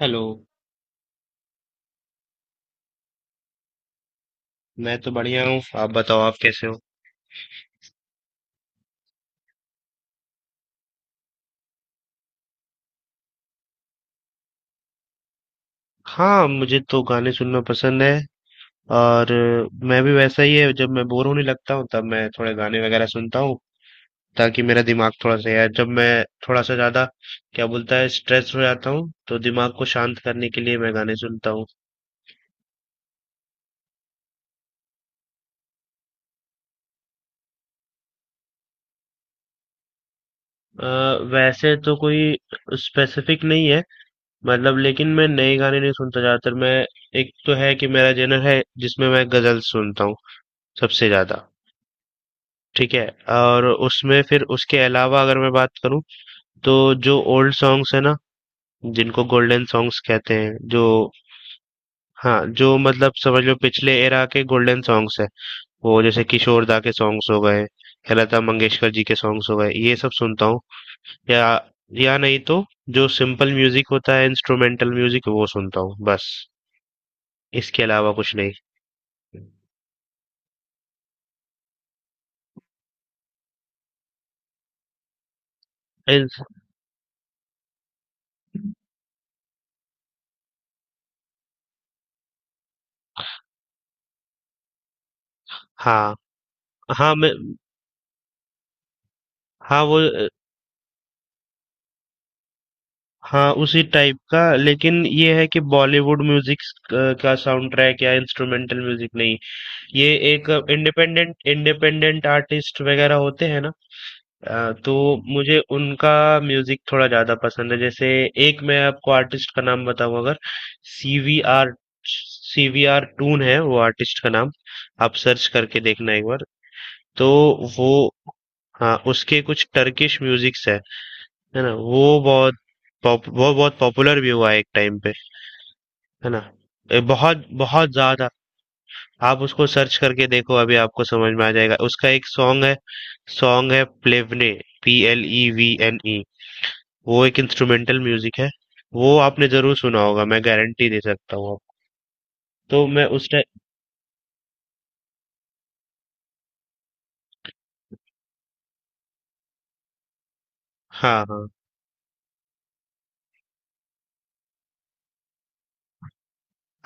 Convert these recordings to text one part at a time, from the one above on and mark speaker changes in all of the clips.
Speaker 1: Hello. मैं तो बढ़िया हूँ, आप बताओ, आप कैसे हो? हाँ, मुझे तो गाने सुनना पसंद है। और मैं भी वैसा ही है, जब मैं बोर होने लगता हूँ तब मैं थोड़े गाने वगैरह सुनता हूँ, ताकि मेरा दिमाग थोड़ा सा, यार जब मैं थोड़ा सा ज्यादा, क्या बोलता है, स्ट्रेस हो जाता हूँ तो दिमाग को शांत करने के लिए मैं गाने सुनता हूँ। अ, वैसे तो कोई स्पेसिफिक नहीं है, मतलब, लेकिन मैं नए गाने नहीं सुनता ज्यादातर। मैं, एक तो है कि मेरा जनर है जिसमें मैं गजल सुनता हूँ सबसे ज्यादा। ठीक है। और उसमें फिर उसके अलावा अगर मैं बात करूं, तो जो ओल्ड सॉन्ग्स है ना, जिनको गोल्डन सॉन्ग्स कहते हैं, जो, हाँ, जो मतलब समझ लो पिछले एरा के गोल्डन सॉन्ग्स है, वो जैसे किशोर दा के सॉन्ग्स हो गए या लता मंगेशकर जी के सॉन्ग्स हो गए, ये सब सुनता हूँ। या या नहीं तो जो सिंपल म्यूजिक होता है, इंस्ट्रूमेंटल म्यूजिक, वो सुनता हूँ। बस, इसके अलावा कुछ नहीं। इन- हाँ, हाँ। मैं, हाँ वो, हाँ, उसी टाइप का, लेकिन ये है कि बॉलीवुड म्यूजिक का साउंड ट्रैक या इंस्ट्रूमेंटल म्यूजिक नहीं। ये एक इंडिपेंडेंट इंडिपेंडेंट आर्टिस्ट वगैरह होते हैं ना, तो मुझे उनका म्यूजिक थोड़ा ज्यादा पसंद है। जैसे एक मैं आपको आर्टिस्ट का नाम बताऊं अगर, सीवीआर। सीवीआर टून है वो आर्टिस्ट का नाम। आप सर्च करके देखना एक बार। तो वो, हाँ, उसके कुछ टर्किश म्यूजिक्स है ना, वो बहुत वो बहुत पॉपुलर भी हुआ एक टाइम पे, है ना। बहुत बहुत ज्यादा। आप उसको सर्च करके देखो अभी आपको समझ में आ जाएगा। उसका एक सॉन्ग है, सॉन्ग है प्लेवने, P L E V N E. वो एक इंस्ट्रूमेंटल म्यूजिक है। वो आपने जरूर सुना होगा, मैं गारंटी दे सकता हूँ आपको। तो मैं उस टाइम, हाँ, हाँ।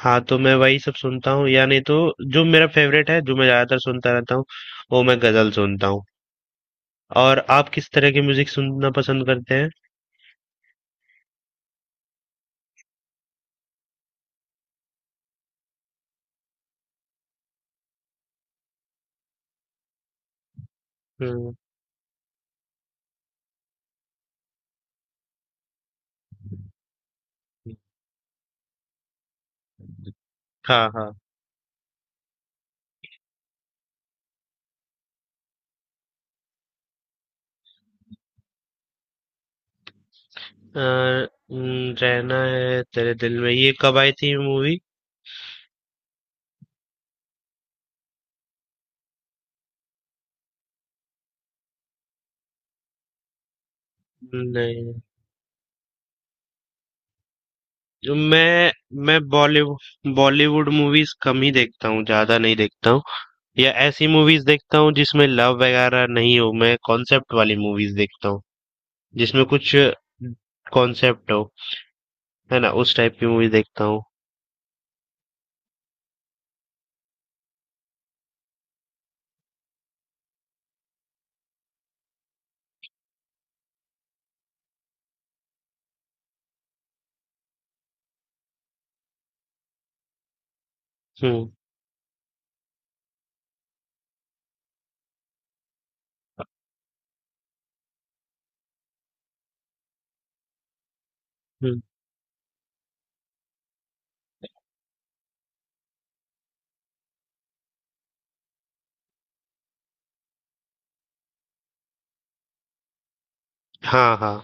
Speaker 1: हाँ, तो मैं वही सब सुनता हूँ, या नहीं तो जो मेरा फेवरेट है, जो मैं ज्यादातर सुनता रहता हूँ, वो मैं गजल सुनता हूँ। और आप किस तरह की म्यूजिक सुनना पसंद करते हैं? हम्म। हाँ, हाँ। अ, न, रहना है तेरे दिल में, ये कब आई थी मूवी? नहीं, जो मैं बॉलीवुड बॉलीवुड मूवीज कम ही देखता हूँ, ज्यादा नहीं देखता हूँ। या ऐसी मूवीज देखता हूँ जिसमें लव वगैरह नहीं हो, मैं कॉन्सेप्ट वाली मूवीज देखता हूँ जिसमें कुछ कॉन्सेप्ट हो, है ना, उस टाइप की मूवी देखता हूँ। हम्म। हम्म। हाँ, हाँ।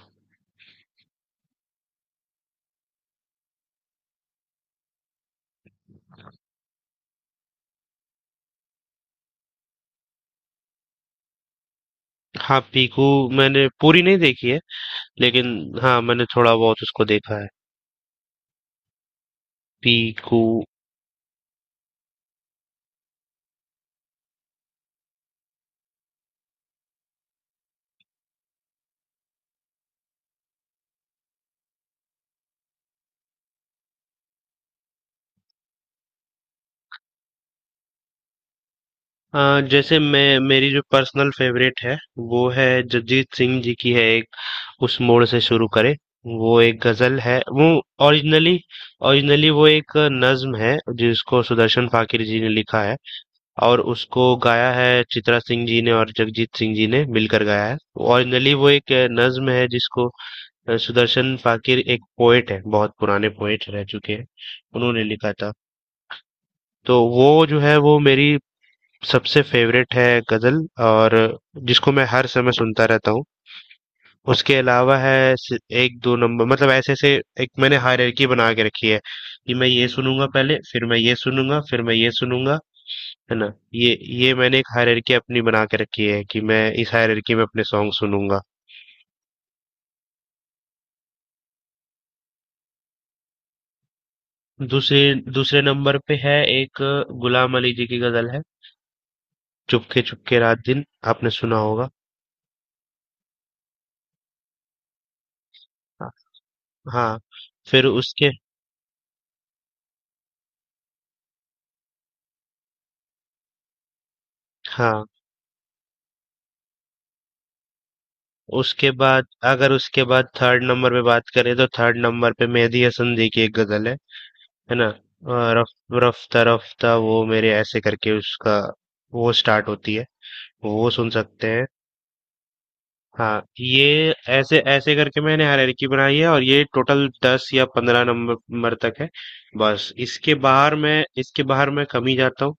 Speaker 1: हाँ पीकू, मैंने पूरी नहीं देखी है, लेकिन हाँ मैंने थोड़ा बहुत उसको देखा है, पीकू। जैसे मैं मेरी जो पर्सनल फेवरेट है वो है, जगजीत सिंह जी की है एक, उस मोड़ से शुरू करे, वो एक गजल है। वो ओरिजिनली ओरिजिनली वो एक नज्म है जिसको सुदर्शन फाकिर जी ने लिखा है। और उसको गाया है चित्रा सिंह जी ने और जगजीत सिंह जी ने मिलकर गाया है। ओरिजिनली वो एक नज्म है जिसको, सुदर्शन फाकिर एक पोएट है, बहुत पुराने पोएट रह चुके हैं, उन्होंने लिखा था। तो वो जो है वो मेरी सबसे फेवरेट है गज़ल, और जिसको मैं हर समय सुनता रहता हूँ। उसके अलावा है स 1-2 नंबर, मतलब ऐसे-ऐसे एक मैंने हायरार्की बना के रखी है, कि मैं ये सुनूँगा पहले, फिर मैं ये सुनूँगा, फिर मैं ये सुनूँगा, है ना? ये ये मैंने एक हायरार्की अपनी बना के रखी है कि मैं इस हायरार्की में अपने सॉन्ग सुनूँगा। दूसरे, दूसरे नंबर पे है एक गुलाम अली जी की गज़ल है, चुपके चुपके रात दिन, आपने सुना होगा। हाँ, हाँ, फिर उसके, हाँ। उसके बाद, अगर उसके बाद थर्ड नंबर पे बात करें तो थर्ड नंबर पे मेहदी हसन जी की एक गजल है ना, रफ रफ्ता रफ्ता वो मेरे, ऐसे करके उसका वो स्टार्ट होती है। वो सुन सकते हैं। हाँ, ये ऐसे ऐसे करके मैंने हायरार्की बनाई है, और ये टोटल 10 या 15 नंबर तक है। बस इसके बाहर मैं कम ही जाता हूँ।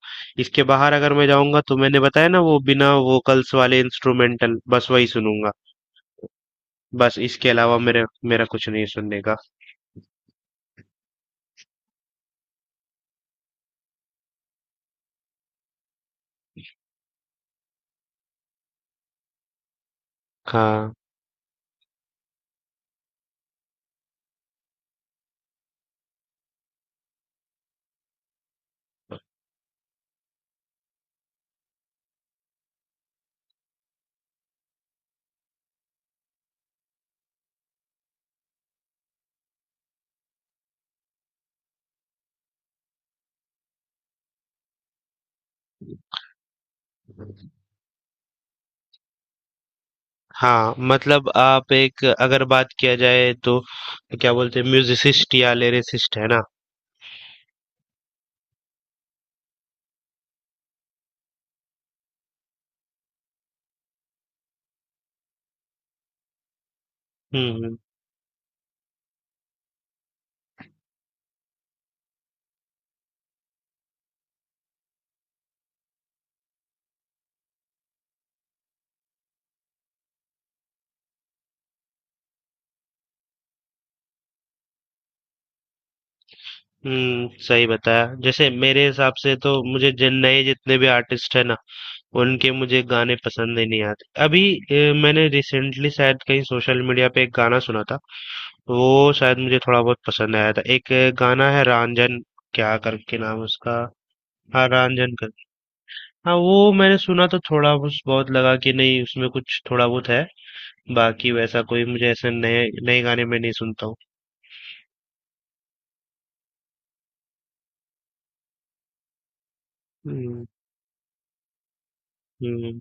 Speaker 1: इसके बाहर अगर मैं जाऊंगा तो मैंने बताया ना, वो बिना वोकल्स वाले इंस्ट्रूमेंटल, बस वही सुनूंगा। बस इसके अलावा मेरे मेरा कुछ नहीं है सुनने का। हाँ, हाँ, मतलब आप एक, अगर बात किया जाए तो क्या बोलते हैं, म्यूजिसिस्ट या लिरिसिस्ट, है ना। हम्म, हम्म। सही बताया, जैसे मेरे हिसाब से तो मुझे जिन नए, जितने भी आर्टिस्ट है ना, उनके मुझे गाने पसंद ही नहीं आते। अभी मैंने रिसेंटली शायद कहीं सोशल मीडिया पे एक गाना सुना था, वो शायद मुझे थोड़ा बहुत पसंद आया था। एक गाना है रंजन, क्या करके नाम है उसका। हाँ, रंजन। हाँ, वो मैंने सुना तो थोड़ा, बस बहुत लगा कि नहीं उसमें कुछ थोड़ा बहुत है। बाकी वैसा कोई, मुझे ऐसे नए नए गाने में नहीं सुनता हूँ। हम्म, हम्म,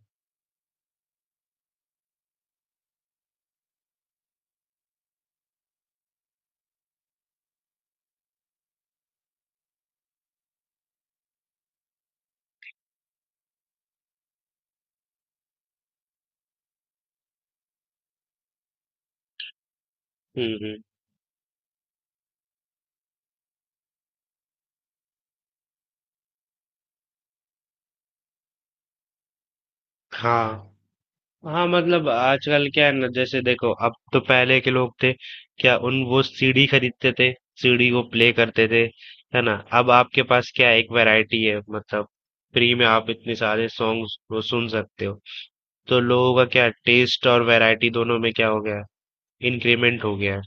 Speaker 1: हम्म, हम्म। हाँ, हाँ, मतलब आजकल क्या है ना, जैसे देखो अब तो, पहले के लोग थे, क्या उन, वो सीडी खरीदते थे, सीडी को प्ले करते थे, है ना। अब आपके पास क्या है, एक वैरायटी है, मतलब फ्री में आप इतने सारे सॉन्ग्स सुन सकते हो। तो लोगों का क्या, टेस्ट और वैरायटी दोनों में क्या हो गया है? इंक्रीमेंट हो गया है।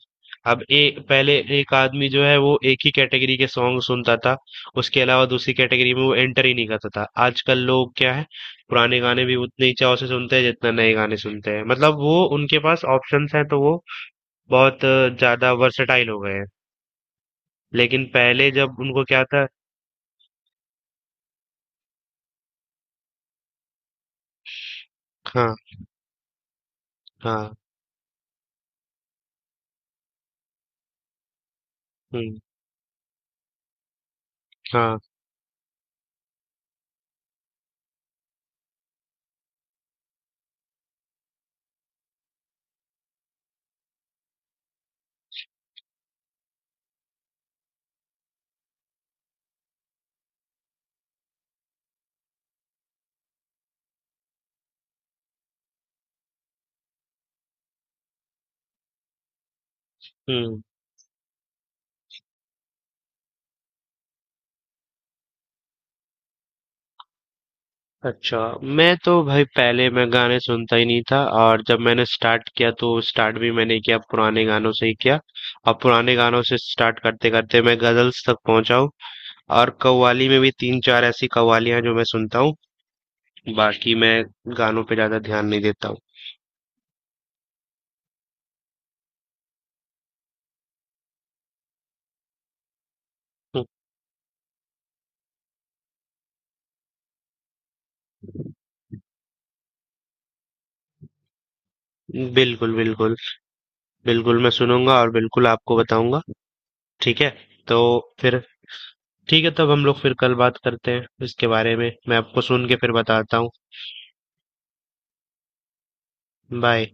Speaker 1: अब ए पहले एक आदमी जो है वो एक ही कैटेगरी के सॉन्ग सुनता था, उसके अलावा दूसरी कैटेगरी में वो एंटर ही नहीं करता था। आजकल लोग क्या है, पुराने गाने भी उतने ही चाव से सुनते हैं जितना नए गाने सुनते हैं, मतलब वो उनके पास ऑप्शंस हैं तो वो बहुत ज्यादा वर्सेटाइल हो गए हैं। लेकिन पहले जब उनको क्या था, हाँ, हाँ। हम्म, हाँ, हम्म। अच्छा, मैं तो भाई, पहले मैं गाने सुनता ही नहीं था, और जब मैंने स्टार्ट किया तो स्टार्ट भी मैंने किया पुराने गानों से ही किया। और पुराने गानों से स्टार्ट करते करते मैं गजल्स तक पहुंचा हूँ। और कव्वाली में भी तीन चार ऐसी कव्वालियां हैं जो मैं सुनता हूँ, बाकी मैं गानों पे ज्यादा ध्यान नहीं देता हूँ। बिल्कुल, बिल्कुल, बिल्कुल मैं सुनूंगा और बिल्कुल आपको बताऊंगा। ठीक है, तो फिर, ठीक है, तब हम लोग फिर कल बात करते हैं इसके बारे में, मैं आपको सुन के फिर बताता हूँ। बाय।